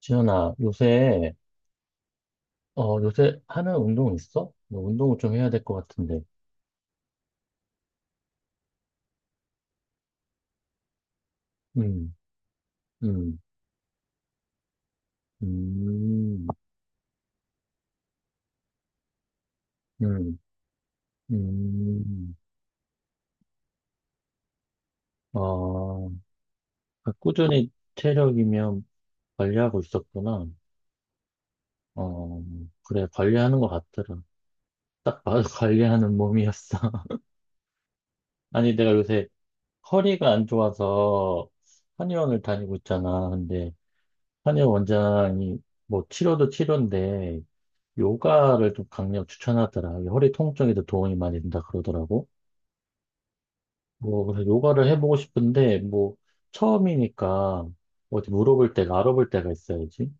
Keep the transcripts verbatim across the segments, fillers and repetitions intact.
지연아 요새, 어, 요새 하는 운동 있어? 너 운동을 좀 해야 될 것 같은데. 음, 음, 음, 음, 음. 어, 그러니까 꾸준히 체력이면 관리하고 있었구나. 어, 그래, 관리하는 것 같더라. 딱 봐도 관리하는 몸이었어. 아니, 내가 요새 허리가 안 좋아서 한의원을 다니고 있잖아. 근데 한의원 원장이 뭐 치료도 치료인데 요가를 좀 강력 추천하더라. 이게 허리 통증에도 도움이 많이 된다 그러더라고. 뭐, 그래서 요가를 해보고 싶은데, 뭐, 처음이니까 어디 물어볼 때가, 알아볼 때가 있어야지.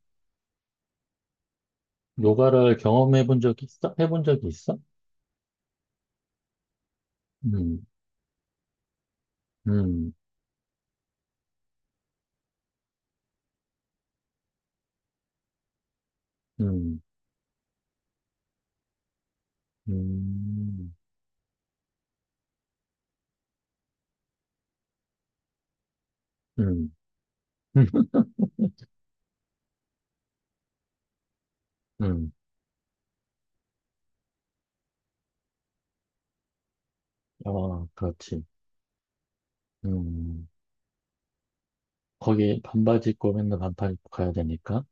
요가를 경험해본 적이 있어? 해본 적이 있어? 음, 음, 음, 음, 음, 음. 어, 그렇지. 음. 거기 반바지 입고 맨날 반팔 입고 가야 되니까.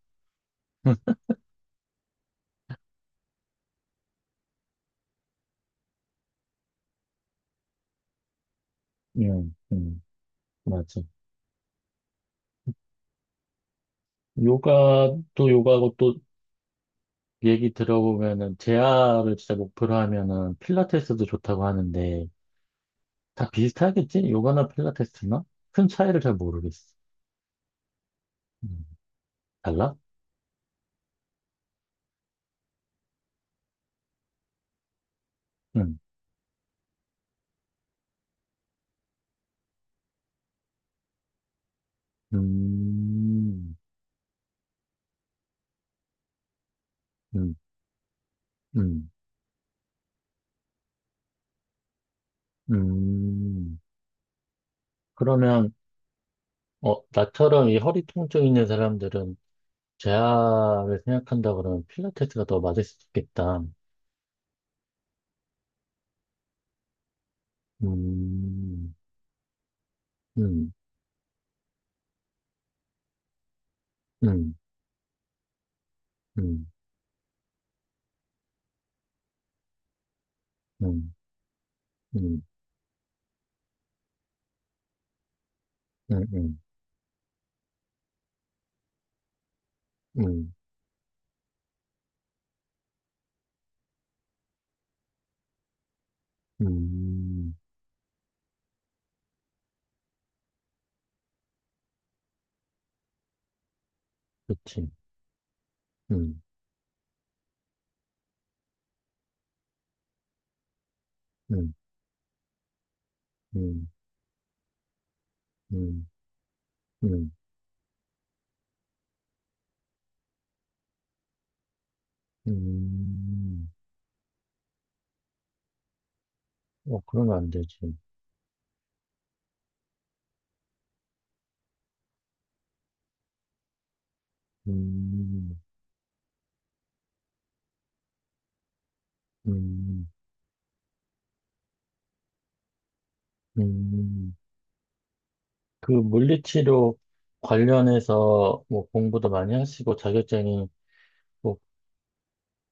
음, 음, 맞아. 요가도 요가고 또 얘기 들어보면은 재아를 진짜 목표로 하면은 필라테스도 좋다고 하는데 다 비슷하겠지? 요가나 필라테스나? 큰 차이를 잘 모르겠어. 음, 달라? 응. 음, 음, 음, 음. 그러면 어 나처럼 이 허리 통증 있는 사람들은 재아를 생각한다 그러면 필라테스가 더 맞을 수 있겠다. 음, 음, 음, 음, 음, 음, 음, 음, 음, 음, 그치. 음. 음, 음, 음, 음, 음. 어, 그러면 안 되지. 음, 음, 음. 그 물리치료 관련해서 뭐 공부도 많이 하시고 자격증이 또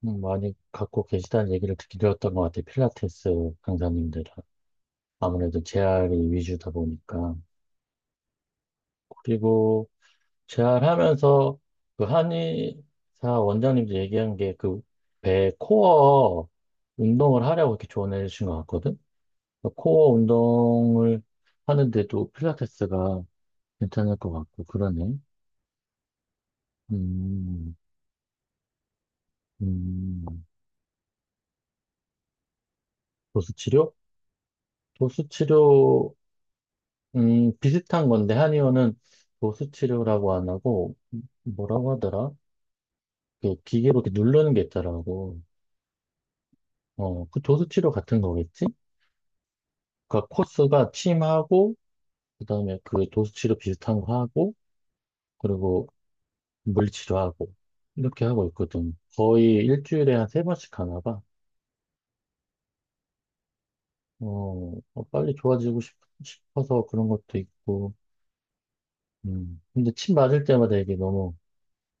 많이 갖고 계시다는 얘기를 듣기 들었던 것 같아요. 필라테스 강사님들은. 아무래도 재활이 위주다 보니까. 그리고 재활하면서 그 한의사 원장님도 얘기한 게 그 배 코어 운동을 하려고 이렇게 조언해 주신 것 같거든? 그 코어 운동을 하는데도 필라테스가 괜찮을 것 같고, 그러네. 음, 음, 도수치료? 도수치료, 음, 비슷한 건데, 한의원은 도수치료라고 안 하고, 뭐라고 하더라? 그 기계로 이렇게 누르는 게 있더라고. 어, 그 도수치료 같은 거겠지? 그러니까 코스가 침하고 그다음에 그 도수치료 비슷한 거 하고 그리고 물리치료하고 이렇게 하고 있거든. 거의 일주일에 한 세 번씩 하나 봐. 어, 어, 빨리 좋아지고 싶, 싶어서 그런 것도 있고. 음. 근데 침 맞을 때마다 이게 너무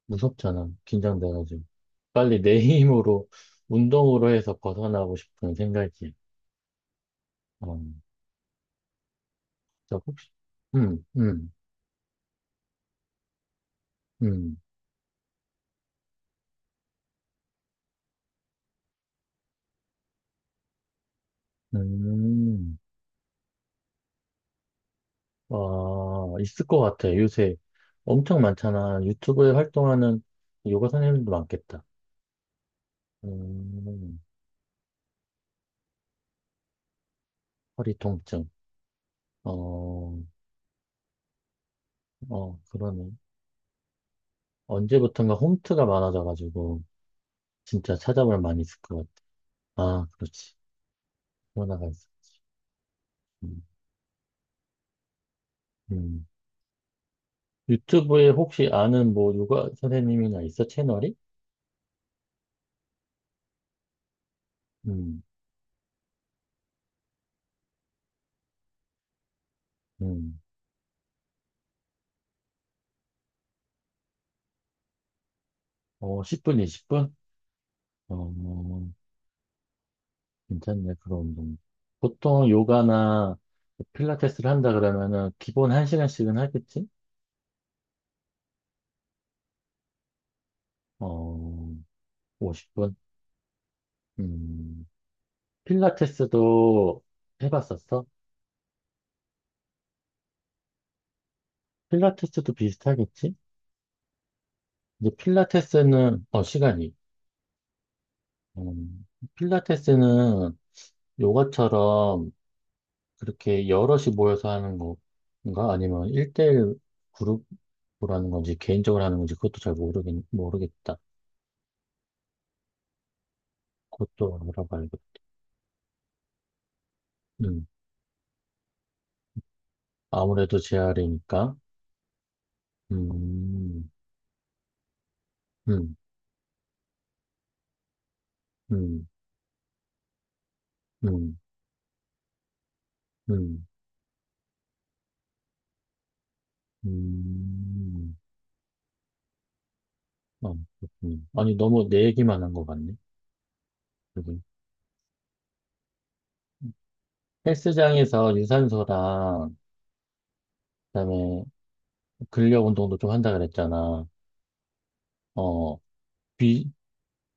무섭잖아. 긴장돼가지고. 빨리 내 힘으로 운동으로 해서 벗어나고 싶은 생각이. 어, 자, 혹시 음, 음, 음, 음. 아, 있을 것 같아. 요새 엄청 많잖아. 유튜브에 활동하는 요가 선생님도 많겠다. 음, 허리 통증. 어, 어, 그러네. 언제부턴가 홈트가 많아져가지고 진짜 찾아볼 많이 있을 것 같아. 아, 그렇지. 코로나가 있어. 음, 음. 유튜브에 혹시 아는 뭐 요가 선생님이나 있어? 채널이? 음, 음. 어, 십 분, 이십 분? 어, 괜찮네, 그런 운동. 보통 요가나 필라테스를 한다 그러면은 기본 한시간씩은 하겠지? 어, 오십 분? 음, 필라테스도 해봤었어? 필라테스도 비슷하겠지? 이제 필라테스는, 어, 시간이. 음, 필라테스는 요가처럼 그렇게 여럿이 모여서 하는 건가? 아니면 일대일 그룹으로 하는 건지, 개인적으로 하는 건지, 그것도 잘 모르겠, 모르겠다. 그것도 알아봐야겠다. 음. 아무래도 재활이니까. 음, 음, 음, 음, 음, 음. 아, 그렇군요. 아니, 너무 내 얘기만 한 것 같네. 여기. 헬스장에서 유산소랑, 그다음에 근력 운동도 좀 한다 그랬잖아. 어, 비,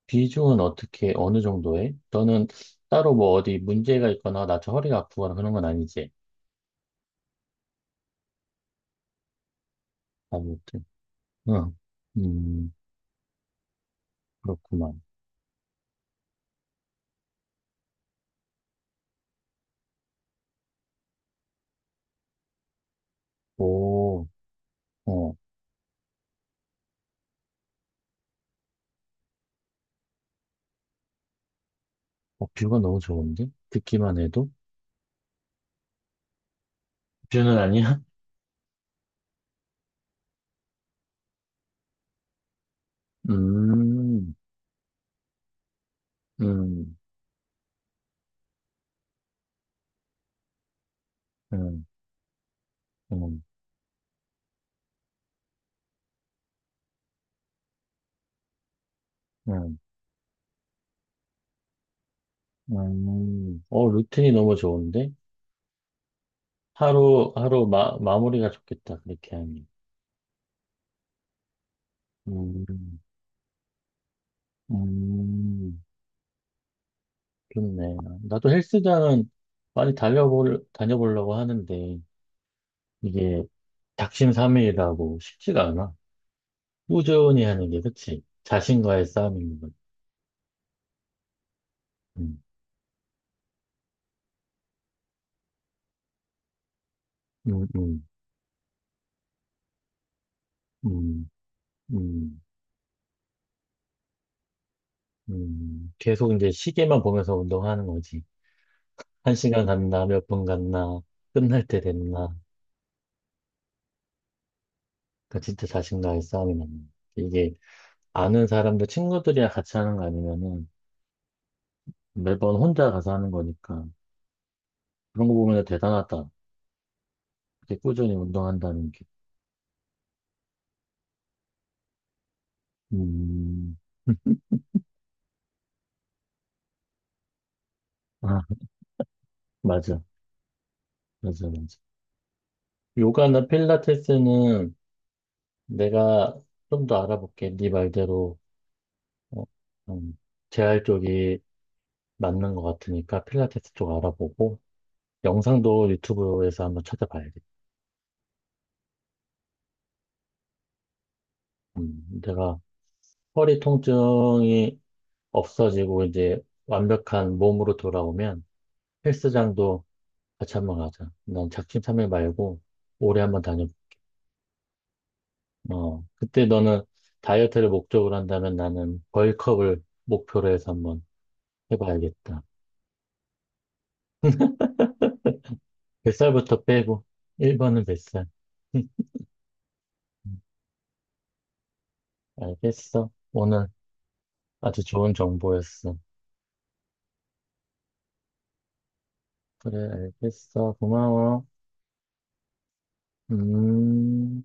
비중은 어떻게, 어느 정도 해? 너는 따로 뭐 어디 문제가 있거나 나처럼 허리가 아프거나 그런 건 아니지? 아무튼. 응. 음, 그렇구만. 오, 어, 어, 뷰가 너무 좋은데? 듣기만 해도? 뷰는 아니야? 음, 음, 음, 음, 음, 음. 어, 루틴이 너무 좋은데? 하루, 하루 마, 마무리가 좋겠다, 그렇게 하니. 음, 음, 좋네. 나도 헬스장은 많이 달려볼, 다녀보려고 하는데, 이게 작심삼일이라고 쉽지가 않아. 꾸준히 하는 게, 그치? 자신과의 싸움인 거. 음, 음, 음, 음, 음, 음. 계속 이제 시계만 보면서 운동하는 거지. 한 시간 갔나, 몇 분 갔나, 끝날 때 됐나. 그러니까 진짜 자신과의 싸움이 났네. 이게 아는 사람들, 친구들이랑 같이 하는 거 아니면은 매번 혼자 가서 하는 거니까. 그런 거 보면 대단하다. 이렇게 꾸준히 운동한다는 게. 음, 아, 맞아. 맞아, 맞아. 요가나 필라테스는 내가 좀 더 알아볼게. 네 말대로, 어, 음, 재활 쪽이 맞는 것 같으니까 필라테스 쪽 알아보고, 영상도 유튜브에서 한번 찾아봐야겠다. 음, 내가 허리 통증이 없어지고 이제 완벽한 몸으로 돌아오면 헬스장도 같이 한번 가자. 난 작심삼일 말고 올해 한번 다녀. 어, 그때 너는 다이어트를 목적으로 한다면 나는 벌크업을 목표로 해서 한번 해봐야겠다. 뱃살부터 빼고 일 번은 뱃살. 알겠어. 오늘 아주 좋은 정보였어. 그래, 알겠어. 고마워. 음.